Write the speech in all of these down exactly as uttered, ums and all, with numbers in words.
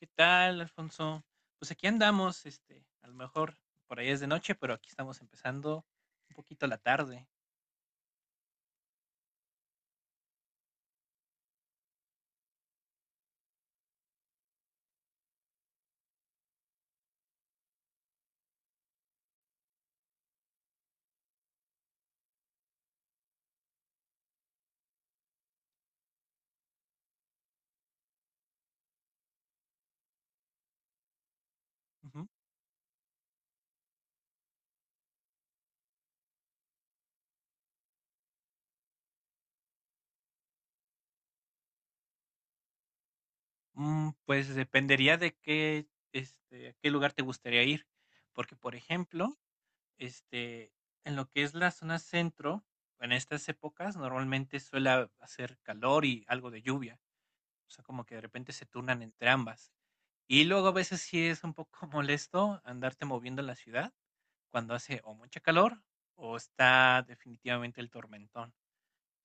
¿Qué tal, Alfonso? Pues aquí andamos, este, a lo mejor por ahí es de noche, pero aquí estamos empezando un poquito la tarde. Ujú. Mm, pues dependería de qué, este, a qué lugar te gustaría ir, porque por ejemplo, este, en lo que es la zona centro, en estas épocas normalmente suele hacer calor y algo de lluvia, o sea, como que de repente se turnan entre ambas. Y luego a veces sí es un poco molesto andarte moviendo en la ciudad cuando hace o mucha calor o está definitivamente el tormentón.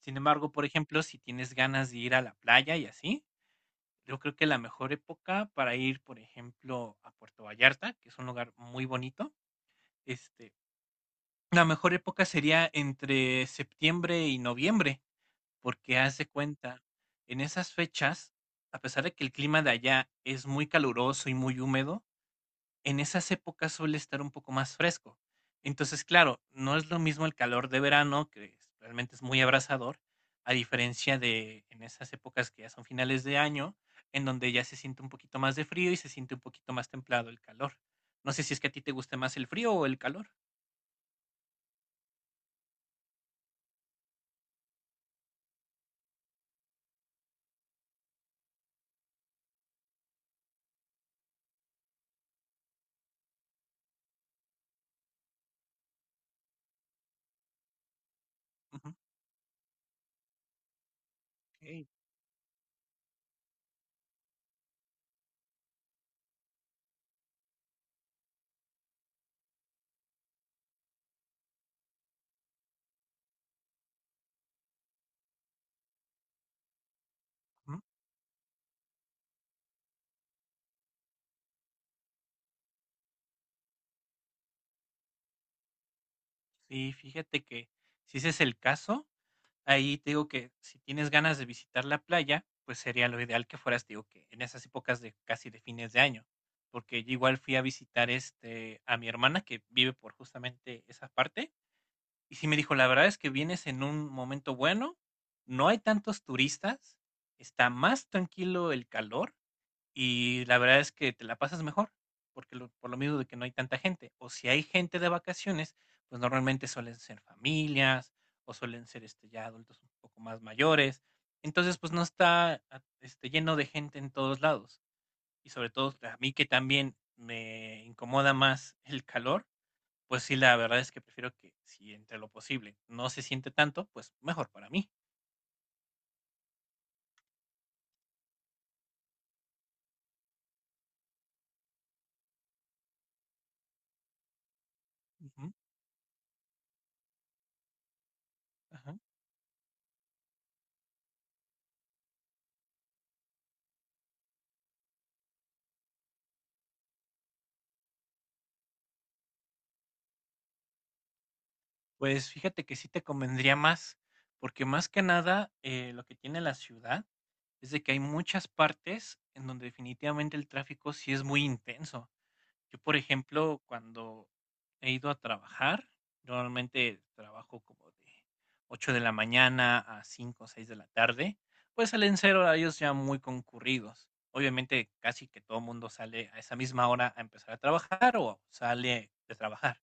Sin embargo, por ejemplo, si tienes ganas de ir a la playa y así, yo creo que la mejor época para ir, por ejemplo, a Puerto Vallarta, que es un lugar muy bonito, este, la mejor época sería entre septiembre y noviembre, porque haz de cuenta, en esas fechas, a pesar de que el clima de allá es muy caluroso y muy húmedo, en esas épocas suele estar un poco más fresco. Entonces, claro, no es lo mismo el calor de verano, que es- realmente es muy abrasador, a diferencia de en esas épocas que ya son finales de año, en donde ya se siente un poquito más de frío y se siente un poquito más templado el calor. No sé si es que a ti te gusta más el frío o el calor. Ujú, okey, ujú. Sí, fíjate que si ese es el caso, ahí te digo que si tienes ganas de visitar la playa, pues sería lo ideal que fueras, te digo que en esas épocas de casi de fines de año, porque yo igual fui a visitar este a mi hermana que vive por justamente esa parte y sí me dijo, la verdad es que vienes en un momento bueno, no hay tantos turistas, está más tranquilo el calor y la verdad es que te la pasas mejor, porque lo por lo mismo de que no hay tanta gente. O si hay gente de vacaciones, pues normalmente suelen ser familias o suelen ser, este, ya adultos un poco más mayores. Entonces, pues no está, ah, este, lleno de gente en todos lados. Y sobre todo a mí que también me incomoda más el calor, pues sí, la verdad es que prefiero que si entre lo posible no se siente tanto, pues mejor para mí. Ujú, ajá. Pues fíjate que sí te convendría más, porque más que nada eh, lo que tiene la ciudad es de que hay muchas partes en donde definitivamente el tráfico sí es muy intenso. Yo, por ejemplo, cuando he ido a trabajar, normalmente trabajo como de ocho de la mañana a cinco o seis de la tarde, pues salen ser horarios ya muy concurridos. Obviamente, casi que todo el mundo sale a esa misma hora a empezar a trabajar o sale de trabajar.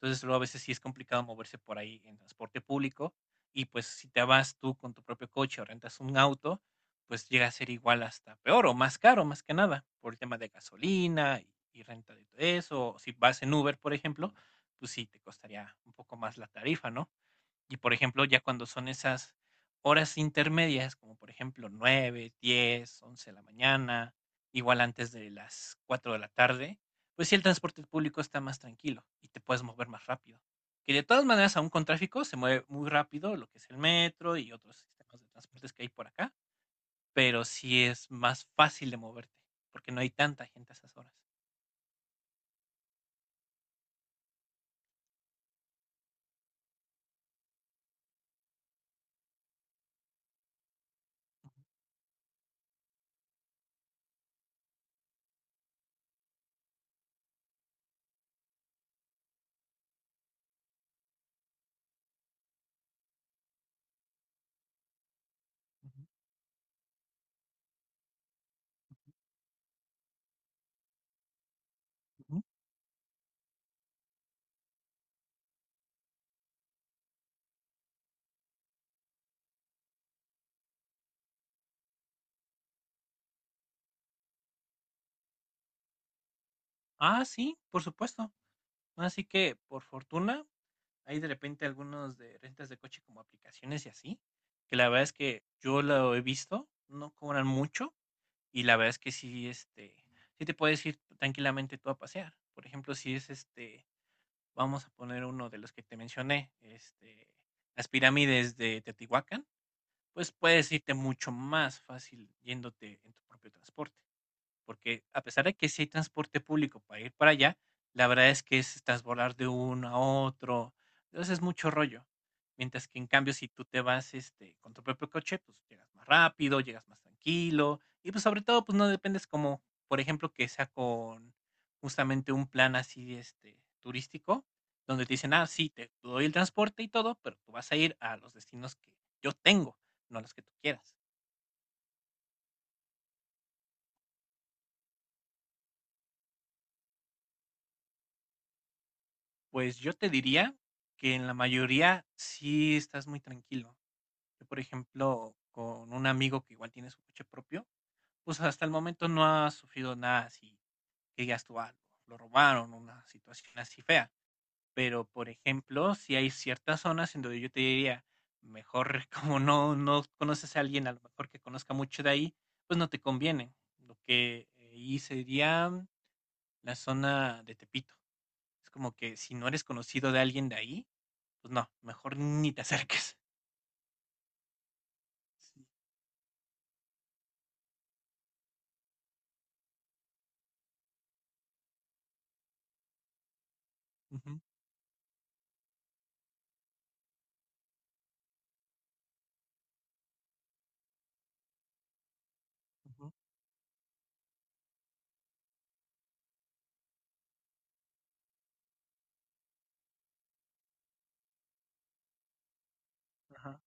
Entonces, luego a veces sí es complicado moverse por ahí en transporte público y pues si te vas tú con tu propio coche o rentas un auto, pues llega a ser igual hasta peor o más caro, más que nada, por el tema de gasolina y, y renta de todo eso. O si vas en Uber, por ejemplo, pues sí te costaría un poco más la tarifa, ¿no? Y por ejemplo, ya cuando son esas horas intermedias, como por ejemplo nueve diez once de la mañana, igual antes de las cuatro de la tarde, pues sí el transporte público está más tranquilo y te puedes mover más rápido. Que de todas maneras, aún con tráfico, se mueve muy rápido lo que es el metro y otros sistemas de transportes que hay por acá, pero sí es más fácil de moverte, porque no hay tanta gente a esas horas. Ujú, ujú. Ah, sí, por supuesto. Así que, por fortuna, hay de repente algunos de rentas de coche como aplicaciones y así, que la verdad es que yo lo he visto, no cobran mucho y la verdad es que sí, este, sí te puedes ir tranquilamente tú a pasear. Por ejemplo, si es este, vamos a poner uno de los que te mencioné, este, las pirámides de Teotihuacán. Pues puedes irte mucho más fácil yéndote en tu propio transporte. Porque a pesar de que sí hay transporte público para ir para allá, la verdad es que es transbordar de uno a otro. Entonces es mucho rollo. Mientras que en cambio, si tú te vas este, con tu propio coche, pues llegas más rápido, llegas más tranquilo. Y pues sobre todo, pues no dependes como, por ejemplo, que sea con justamente un plan así este, turístico, donde te dicen, ah, sí, te doy el transporte y todo, pero tú vas a ir a los destinos que yo tengo, no a los que tú quieras. Pues yo te diría que en la mayoría sí estás muy tranquilo. Yo, por ejemplo, con un amigo que igual tiene su coche propio, pues hasta el momento no ha sufrido nada así que digas tú, "Ah, lo robaron", una situación así fea. Pero, por ejemplo, si hay ciertas zonas en donde yo te diría, mejor como no, no conoces a alguien, a lo mejor que conozca mucho de ahí, pues no te conviene. Lo que ahí sería la zona de Tepito. Es como que si no eres conocido de alguien de ahí, pues no, mejor ni te acerques. Sí. Ujú, ujú, ajá,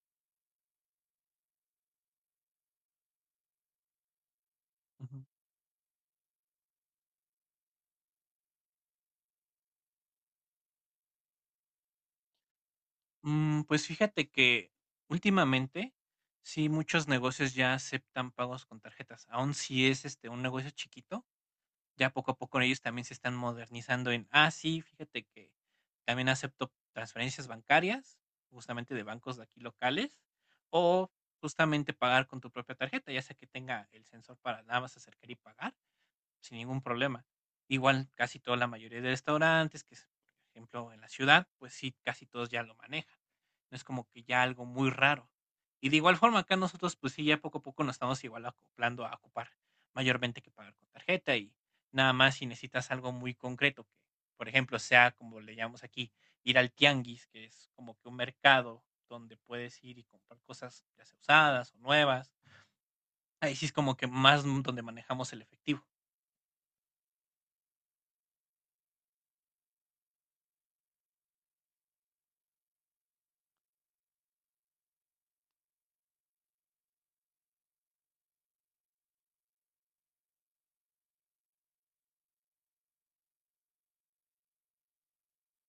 ujú. Mm, pues fíjate que últimamente sí muchos negocios ya aceptan pagos con tarjetas. Aun si es este un negocio chiquito, ya poco a poco ellos también se están modernizando en, ah, sí, fíjate que también acepto transferencias bancarias, justamente de bancos de aquí locales, o justamente pagar con tu propia tarjeta, ya sea que tenga el sensor para nada más acercar y pagar sin ningún problema. Igual casi toda la mayoría de restaurantes, que es, por ejemplo en la ciudad, pues sí, casi todos ya lo manejan. No es como que ya algo muy raro. Y de igual forma acá nosotros pues sí, ya poco a poco nos estamos igual acoplando a ocupar mayormente que pagar con tarjeta y nada más si necesitas algo muy concreto, que por ejemplo sea como le llamamos aquí, ir al tianguis, que es como que un mercado donde puedes ir y comprar cosas ya sea usadas o nuevas. Ahí sí es como que más mm, donde manejamos el efectivo.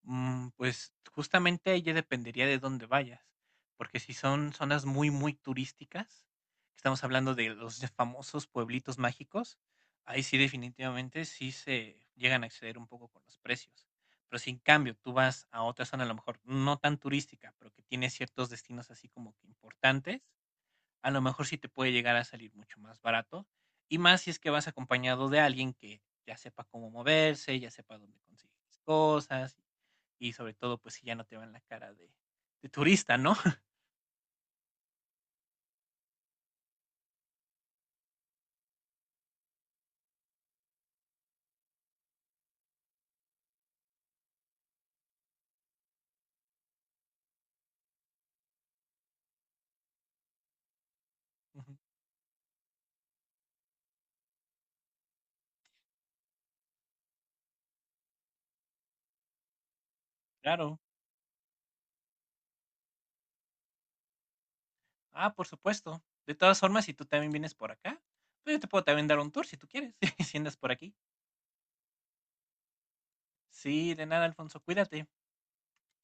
Mm, pues, justamente ahí ya dependería de dónde vayas, porque si son zonas muy, muy turísticas, estamos hablando de los ya famosos pueblitos mágicos, ahí sí definitivamente sí se llegan a exceder un poco con los precios. Pero si en cambio tú vas a otra zona, a lo mejor no tan turística, pero que tiene ciertos destinos así como que importantes, a lo mejor sí te puede llegar a salir mucho más barato. Y más si es que vas acompañado de alguien que ya sepa cómo moverse, ya sepa dónde conseguir las cosas y sobre todo, pues si ya no te van la cara de, de turista, ¿no? Claro. Ah, por supuesto. De todas formas, si tú también vienes por acá, pues yo te puedo también dar un tour si tú quieres, si andas por aquí. Sí, de nada, Alfonso, cuídate.